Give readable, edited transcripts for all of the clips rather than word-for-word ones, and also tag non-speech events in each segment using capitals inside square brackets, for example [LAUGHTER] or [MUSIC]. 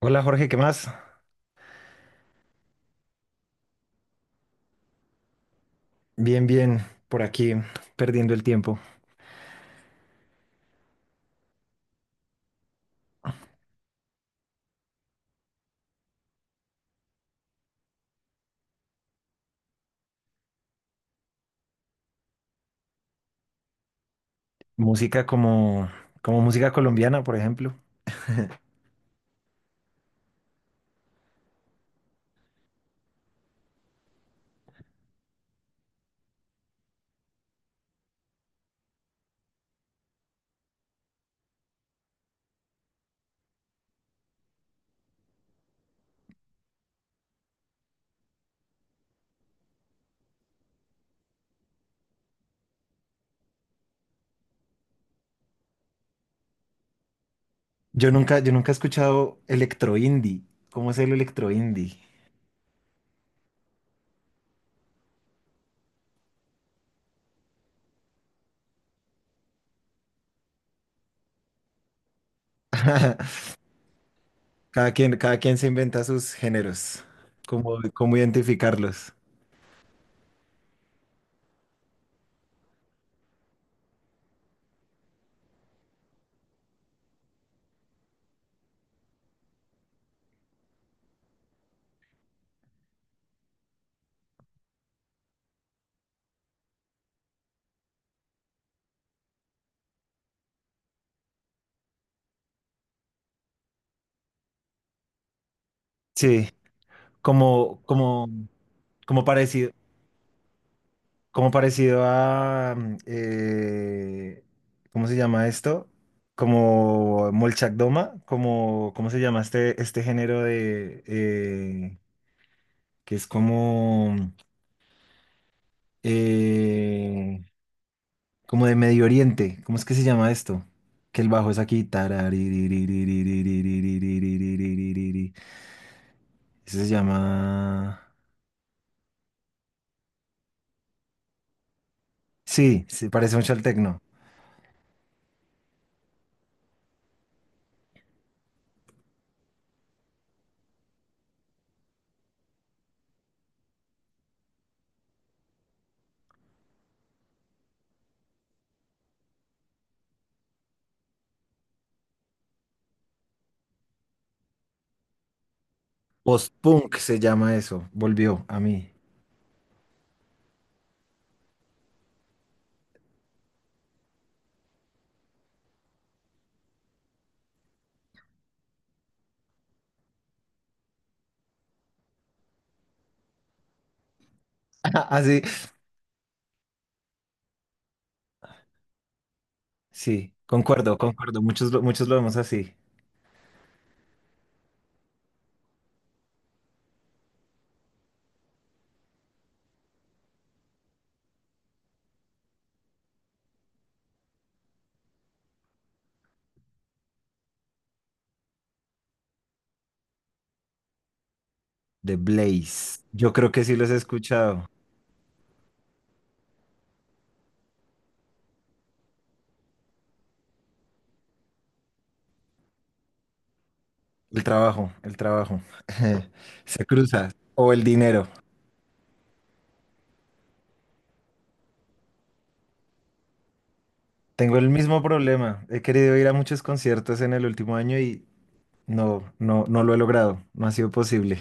Hola Jorge, ¿qué más? Bien, bien, por aquí perdiendo el tiempo. Música como, como música colombiana, por ejemplo. Yo nunca he escuchado electro indie. ¿Cómo es el electro indie? [LAUGHS] Cada quien se inventa sus géneros. ¿Cómo identificarlos? Sí, como, como, como parecido. Como parecido a, ¿cómo se llama esto? Como Molchakdoma, como, ¿cómo se llama este género de, que es como, eh, como de Medio Oriente, ¿cómo es que se llama esto? Que el bajo es aquí, taraririririririririririririririririri. Eso se llama, sí, se parece mucho al tecno. Post-punk se llama eso, volvió a mí. [LAUGHS] Así. Sí, concuerdo, concuerdo. Muchos, muchos lo vemos así. The Blaze. Yo creo que sí los he escuchado. El trabajo. [LAUGHS] Se cruza. O el dinero. Tengo el mismo problema. He querido ir a muchos conciertos en el último año y no lo he logrado. No ha sido posible.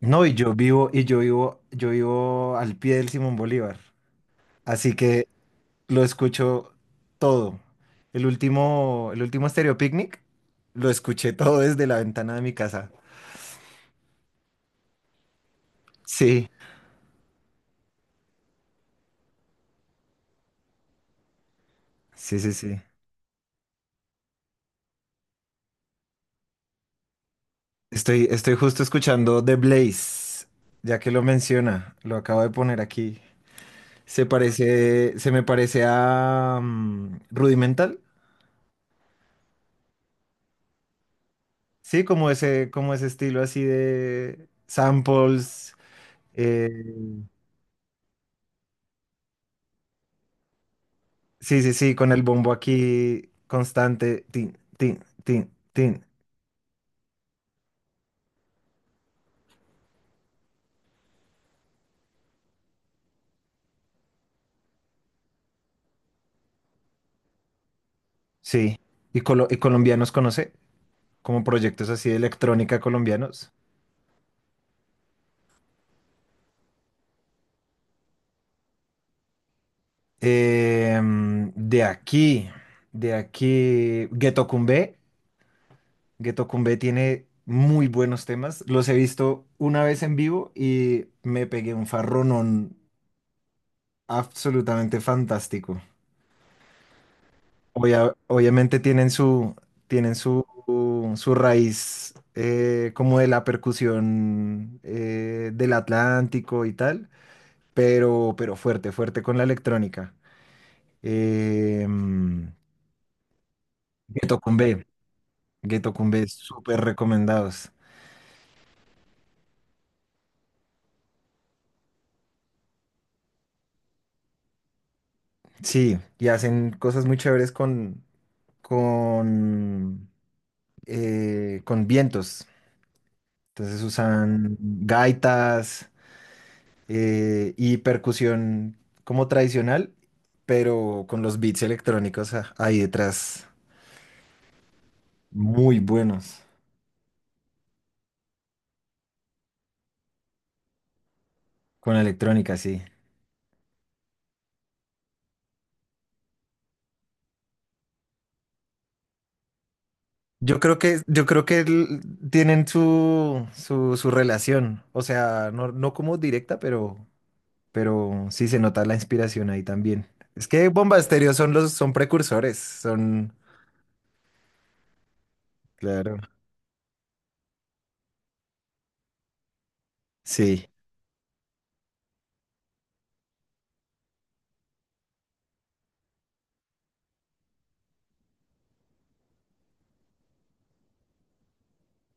No, yo vivo al pie del Simón Bolívar. Así que lo escucho todo. El último Stereo Picnic lo escuché todo desde la ventana de mi casa. Sí, sí, sí, sí. Estoy justo escuchando The Blaze, ya que lo menciona, lo acabo de poner aquí. Se parece, se me parece a Rudimental, sí, como ese estilo así de samples. eh, sí, sí, sí, con el bombo aquí constante, tin, tin, tin, tin. Sí. ¿Y, y colombianos conoce? Como proyectos así de electrónica colombianos. Em, de aquí, de aquí, Ghetto Kumbé. Ghetto Kumbé tiene muy buenos temas. Los he visto una vez en vivo y me pegué un farronón absolutamente fantástico. Obviamente tienen su raíz, como de la percusión, del Atlántico y tal, pero fuerte, fuerte con la electrónica. Em, Ghetto Kumbé. Geto Kumbe, súper recomendados. Sí, y hacen cosas muy chéveres con con vientos. Entonces usan gaitas, y percusión como tradicional, pero con los beats electrónicos ahí detrás, muy buenos. Con la electrónica, sí. Yo creo que el- Tienen su relación. O sea, no, no como directa, pero sí se nota la inspiración ahí también. Es que Bomba Estéreo son los, son precursores, son, claro, sí,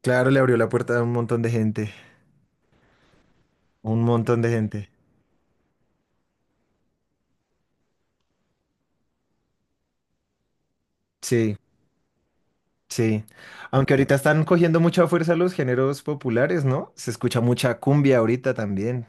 claro, le abrió la puerta a un montón de gente, un montón de gente, sí, sí. Aunque ahorita están cogiendo mucha fuerza los géneros populares, ¿no? Se escucha mucha cumbia ahorita también,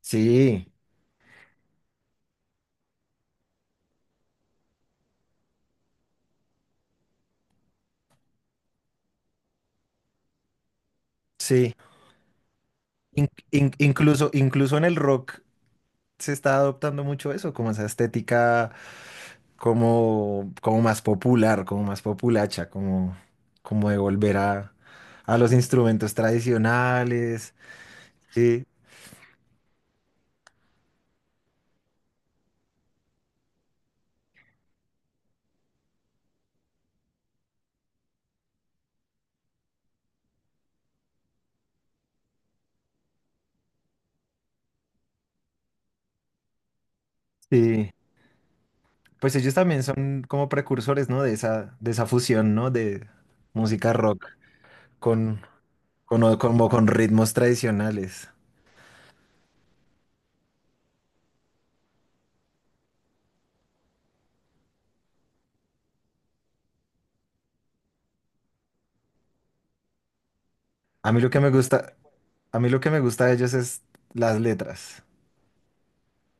sí, sí. Incluso en el rock se está adoptando mucho eso, como esa estética. Como, como más popular, como más populacha, como, como de volver a los instrumentos tradicionales. Sí, sí. Pues ellos también son como precursores, ¿no? De esa fusión, ¿no? De música rock con, o como con ritmos tradicionales. A mí lo que me gusta, a mí lo que me gusta de ellos es las letras.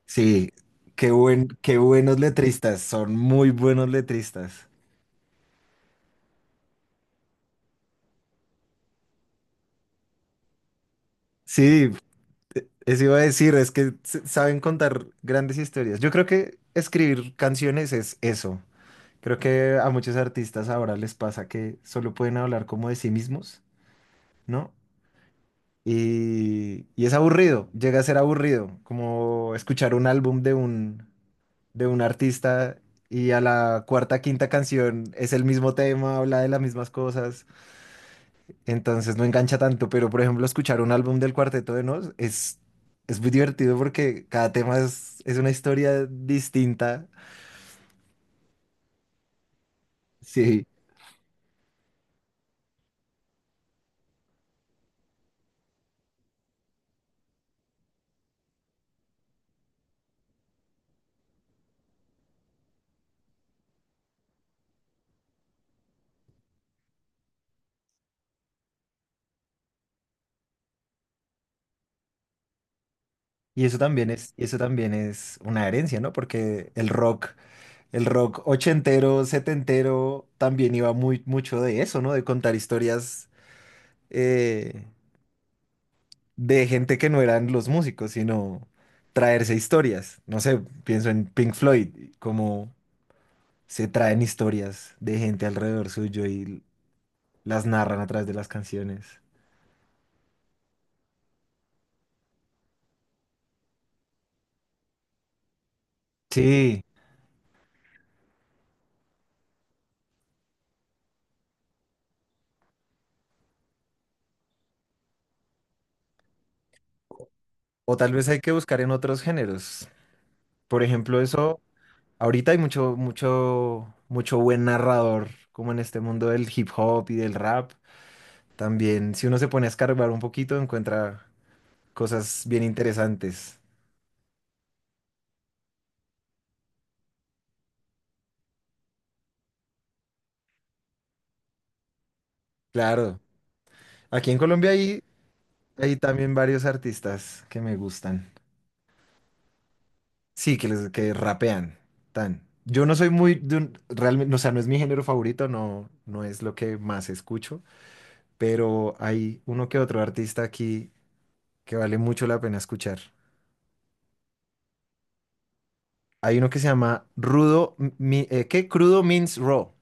Sí, qué buenos letristas, son muy buenos letristas. Sí, Eso iba a decir, es que saben contar grandes historias. Yo creo que escribir canciones es eso. Creo que a muchos artistas ahora les pasa que solo pueden hablar como de sí mismos, ¿no? Y es aburrido, llega a ser aburrido, como escuchar un álbum de un artista y a la cuarta, quinta canción es el mismo tema, habla de las mismas cosas. Entonces no engancha tanto, pero por ejemplo, escuchar un álbum del Cuarteto de Nos es muy divertido porque cada tema es una historia distinta. Sí. Y eso también es una herencia, ¿no? Porque el rock ochentero, setentero, también iba muy, mucho de eso, ¿no? De contar historias, eh, de gente que no eran los músicos, sino traerse historias. No sé, pienso en Pink Floyd, como se traen historias de gente alrededor suyo y las narran a través de las canciones. Sí, o tal vez hay que buscar en otros géneros. Por ejemplo, eso, ahorita hay mucho, mucho, mucho buen narrador, como en este mundo del hip hop y del rap. También, si uno se pone a escarbar un poquito, encuentra cosas bien interesantes. Claro, aquí en Colombia hay, hay también varios artistas que me gustan. Sí, que, que rapean. Tan. Yo no soy muy de realmente, o sea, no es mi género favorito, no, no es lo que más escucho, pero hay uno que otro artista aquí que vale mucho la pena escuchar. Hay uno que se llama Rudo, ¿qué? Crudo Means Raw.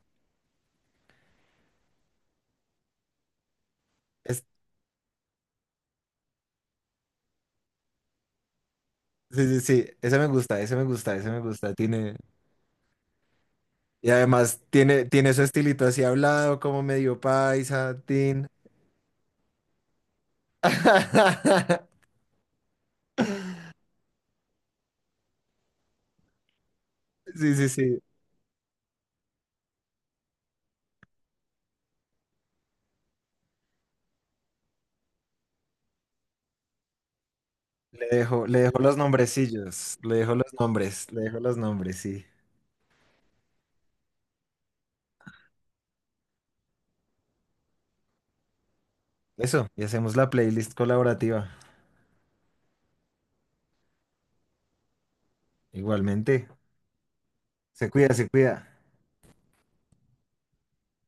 Es- sí, sí, sí, ese me gusta, ese me gusta, ese me gusta. Tiene, y además tiene, tiene su estilito así hablado, como medio paisa, tin. [LAUGHS] Sí, sí, sí. Le dejo los nombres, le dejo los nombres, sí. Eso, y hacemos la playlist colaborativa. Igualmente, se cuida, se cuida.